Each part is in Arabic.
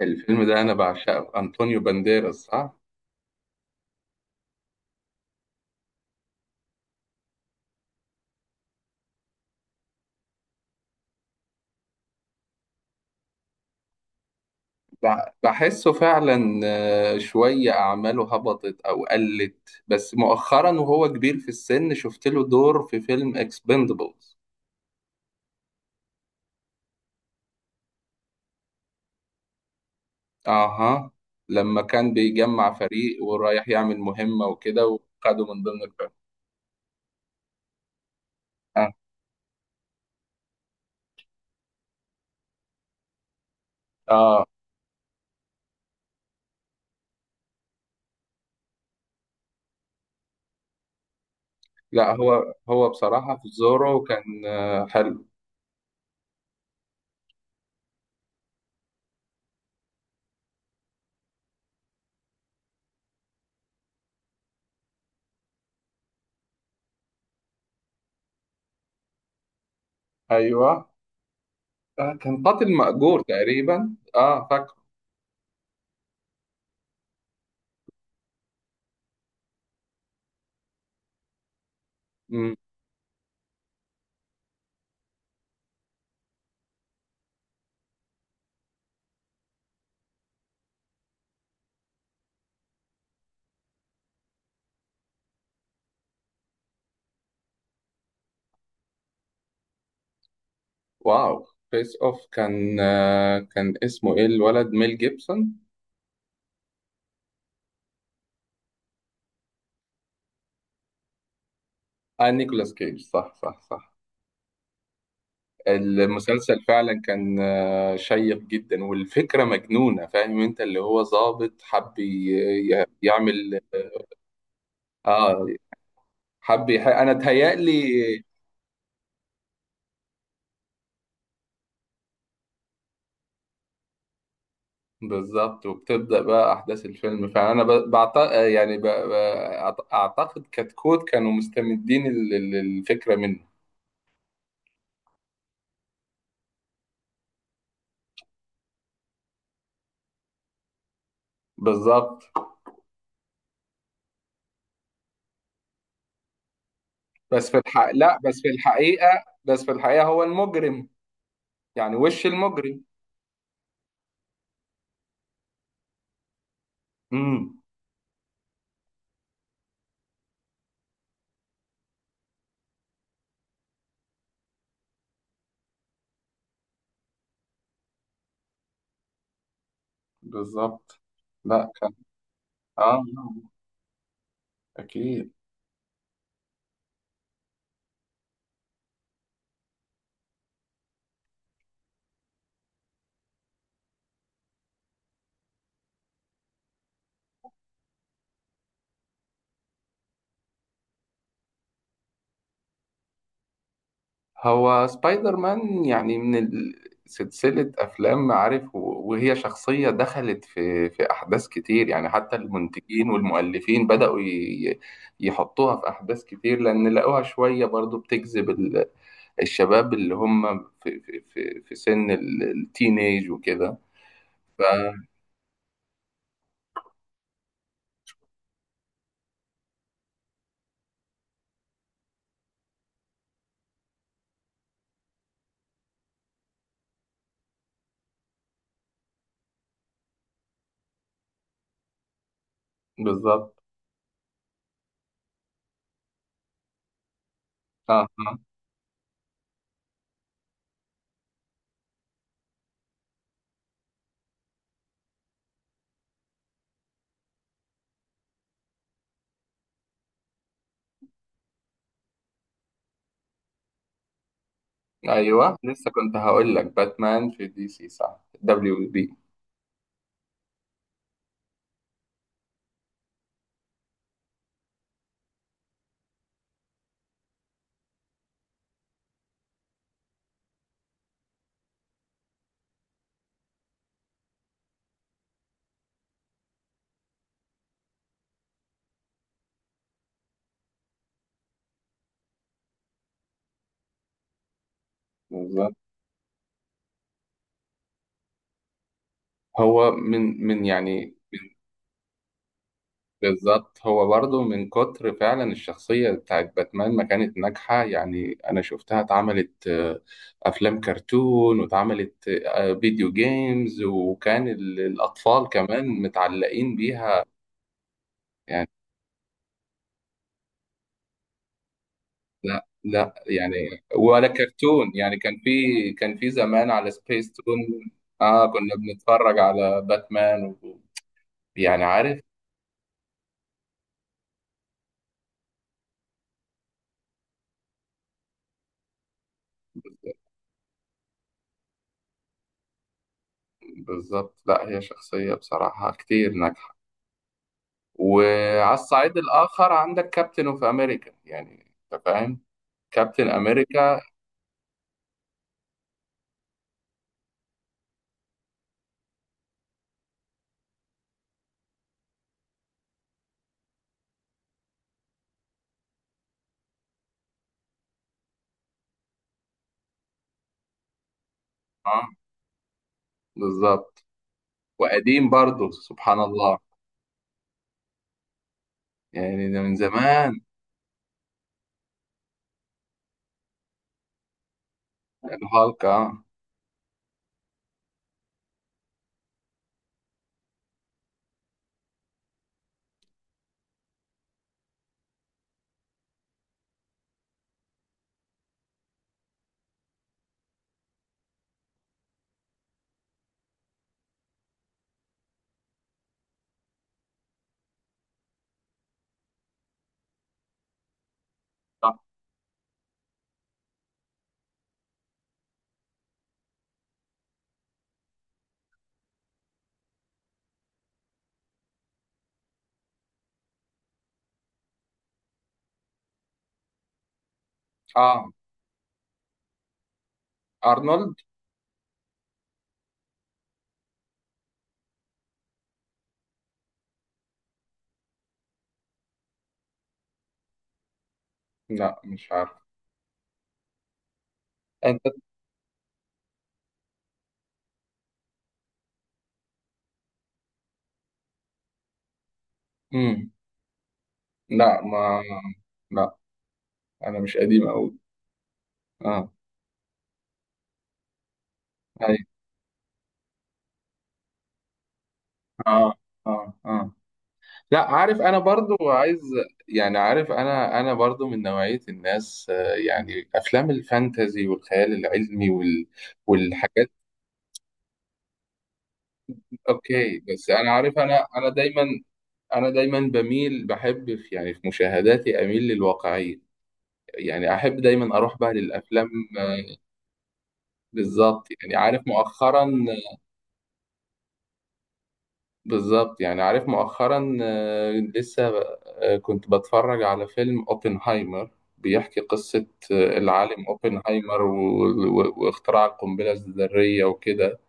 الفيلم ده أنا بعشقه، أنطونيو بانديراس صح؟ بحسه فعلا، شوية أعماله هبطت أو قلت. بس مؤخرا وهو كبير في السن شفت له دور في فيلم اكسبندبلز. أها. لما كان بيجمع فريق ورايح يعمل مهمة وكده وخده من ضمن الفريق. آه. آه. لا، هو بصراحة في زورو كان حلو. أيوه. كان قاتل مأجور تقريبا. آه، فاكره. واو، فيس اوف كان، كان اسمه ايه الولد، ميل جيبسون. اه، نيكولاس كيج، صح صح صح. المسلسل فعلا كان شيق جدا والفكرة مجنونة. فاهم انت اللي هو ضابط حب يعمل. اه، حب انا اتهيألي. بالظبط، وبتبدأ بقى احداث الفيلم، فانا يعني اعتقد كتكوت كانوا مستمدين الفكرة منه. بالظبط. بس في الحق، لا، بس في الحقيقة، بس في الحقيقة هو المجرم، يعني وش المجرم. امم. بالظبط. لا كان. اه، اكيد. هو سبايدر مان، يعني من سلسلة أفلام عارف، وهي شخصية دخلت في أحداث كتير. يعني حتى المنتجين والمؤلفين بدأوا يحطوها في أحداث كتير، لأن لقوها شوية برضو بتجذب الشباب اللي هم في سن التينيج وكده. ف- بالظبط. اه. آه. ايوه، لسه كنت هقول لك باتمان في DC صح، WB. بالظبط. هو من يعني. بالظبط، هو برضه من كتر فعلا الشخصية بتاعت باتمان ما كانت ناجحة. يعني أنا شفتها اتعملت، أفلام كرتون، واتعملت، فيديو جيمز، وكان الأطفال كمان متعلقين بيها. يعني لا لا، يعني ولا كرتون، يعني كان في. كان في زمان على سبيس تون. اه، كنا بنتفرج على باتمان و... يعني عارف. بالظبط، لا هي شخصية بصراحة كتير ناجحة. وعلى الصعيد الآخر عندك كابتن اوف أمريكا، يعني أنت فاهم، كابتن أمريكا. اه. بالظبط، وقديم برضه سبحان الله، يعني ده من زمان. الهالك اه. اه، أرنولد. لا، مش عارف. أنت. مم. لا ما. لا، انا مش قديم قوي. اه. ايوه. اه اه اه. لا، عارف انا برضو عايز. يعني عارف انا برضو من نوعية الناس، يعني افلام الفانتازي والخيال العلمي وال والحاجات دي. اوكي، بس انا عارف، انا دايما، انا دايما بميل، بحب في يعني في مشاهداتي اميل للواقعية. يعني احب دايما اروح بقى للافلام. آه، بالظبط، يعني عارف مؤخرا. بالظبط، يعني عارف مؤخرا، لسه كنت بتفرج على فيلم اوبنهايمر، بيحكي قصة العالم اوبنهايمر واختراع القنبلة الذرية وكده.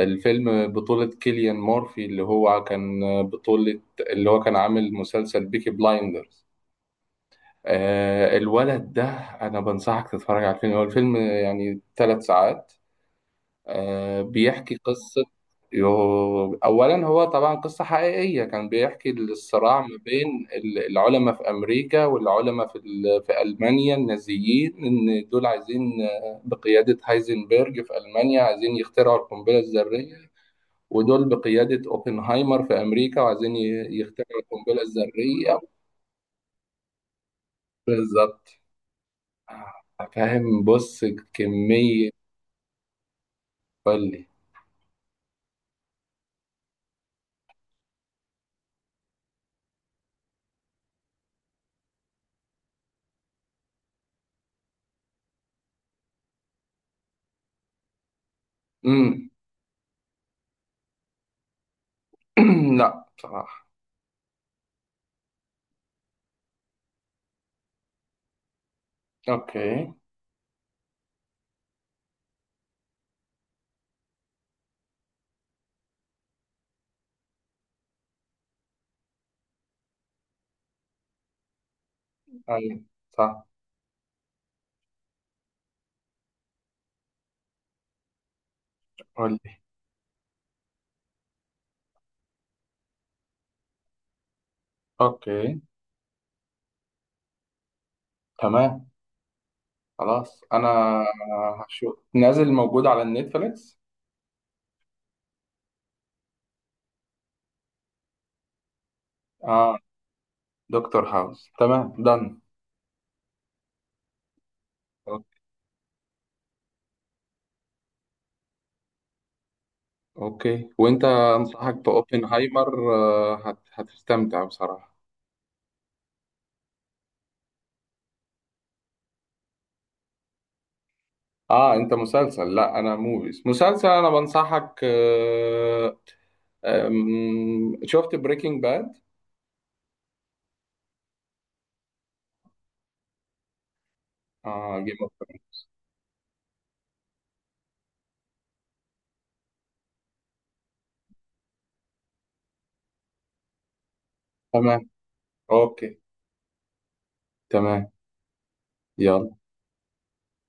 الفيلم بطولة كيليان مورفي اللي هو كان بطولة، اللي هو كان عامل مسلسل بيكي بلايندرز، الولد ده. انا بنصحك تتفرج على الفيلم، هو الفيلم يعني 3 ساعات، بيحكي قصة. أولا هو طبعا قصة حقيقية، كان بيحكي الصراع ما بين العلماء في أمريكا والعلماء في في ألمانيا النازيين، إن دول عايزين، بقيادة هايزنبرج في ألمانيا، عايزين يخترعوا القنبلة الذرية، ودول بقيادة أوبنهايمر في أمريكا وعايزين يخترعوا القنبلة الذرية. بالظبط. فاهم، بص كمية. قولي. امم. لا، بصراحة. اوكي. ايوه صح. قول لي. اوكي، تمام. خلاص، انا هشوف نازل موجود على النتفليكس. اه، دكتور هاوس تمام دن. اوكي، وانت انصحك باوبنهايمر، هتستمتع بصراحة. اه انت مسلسل، لا انا موفيز مسلسل. انا بنصحك شفت بريكنج باد. اه، جيم اوف. تمام. اوكي. تمام. يلا.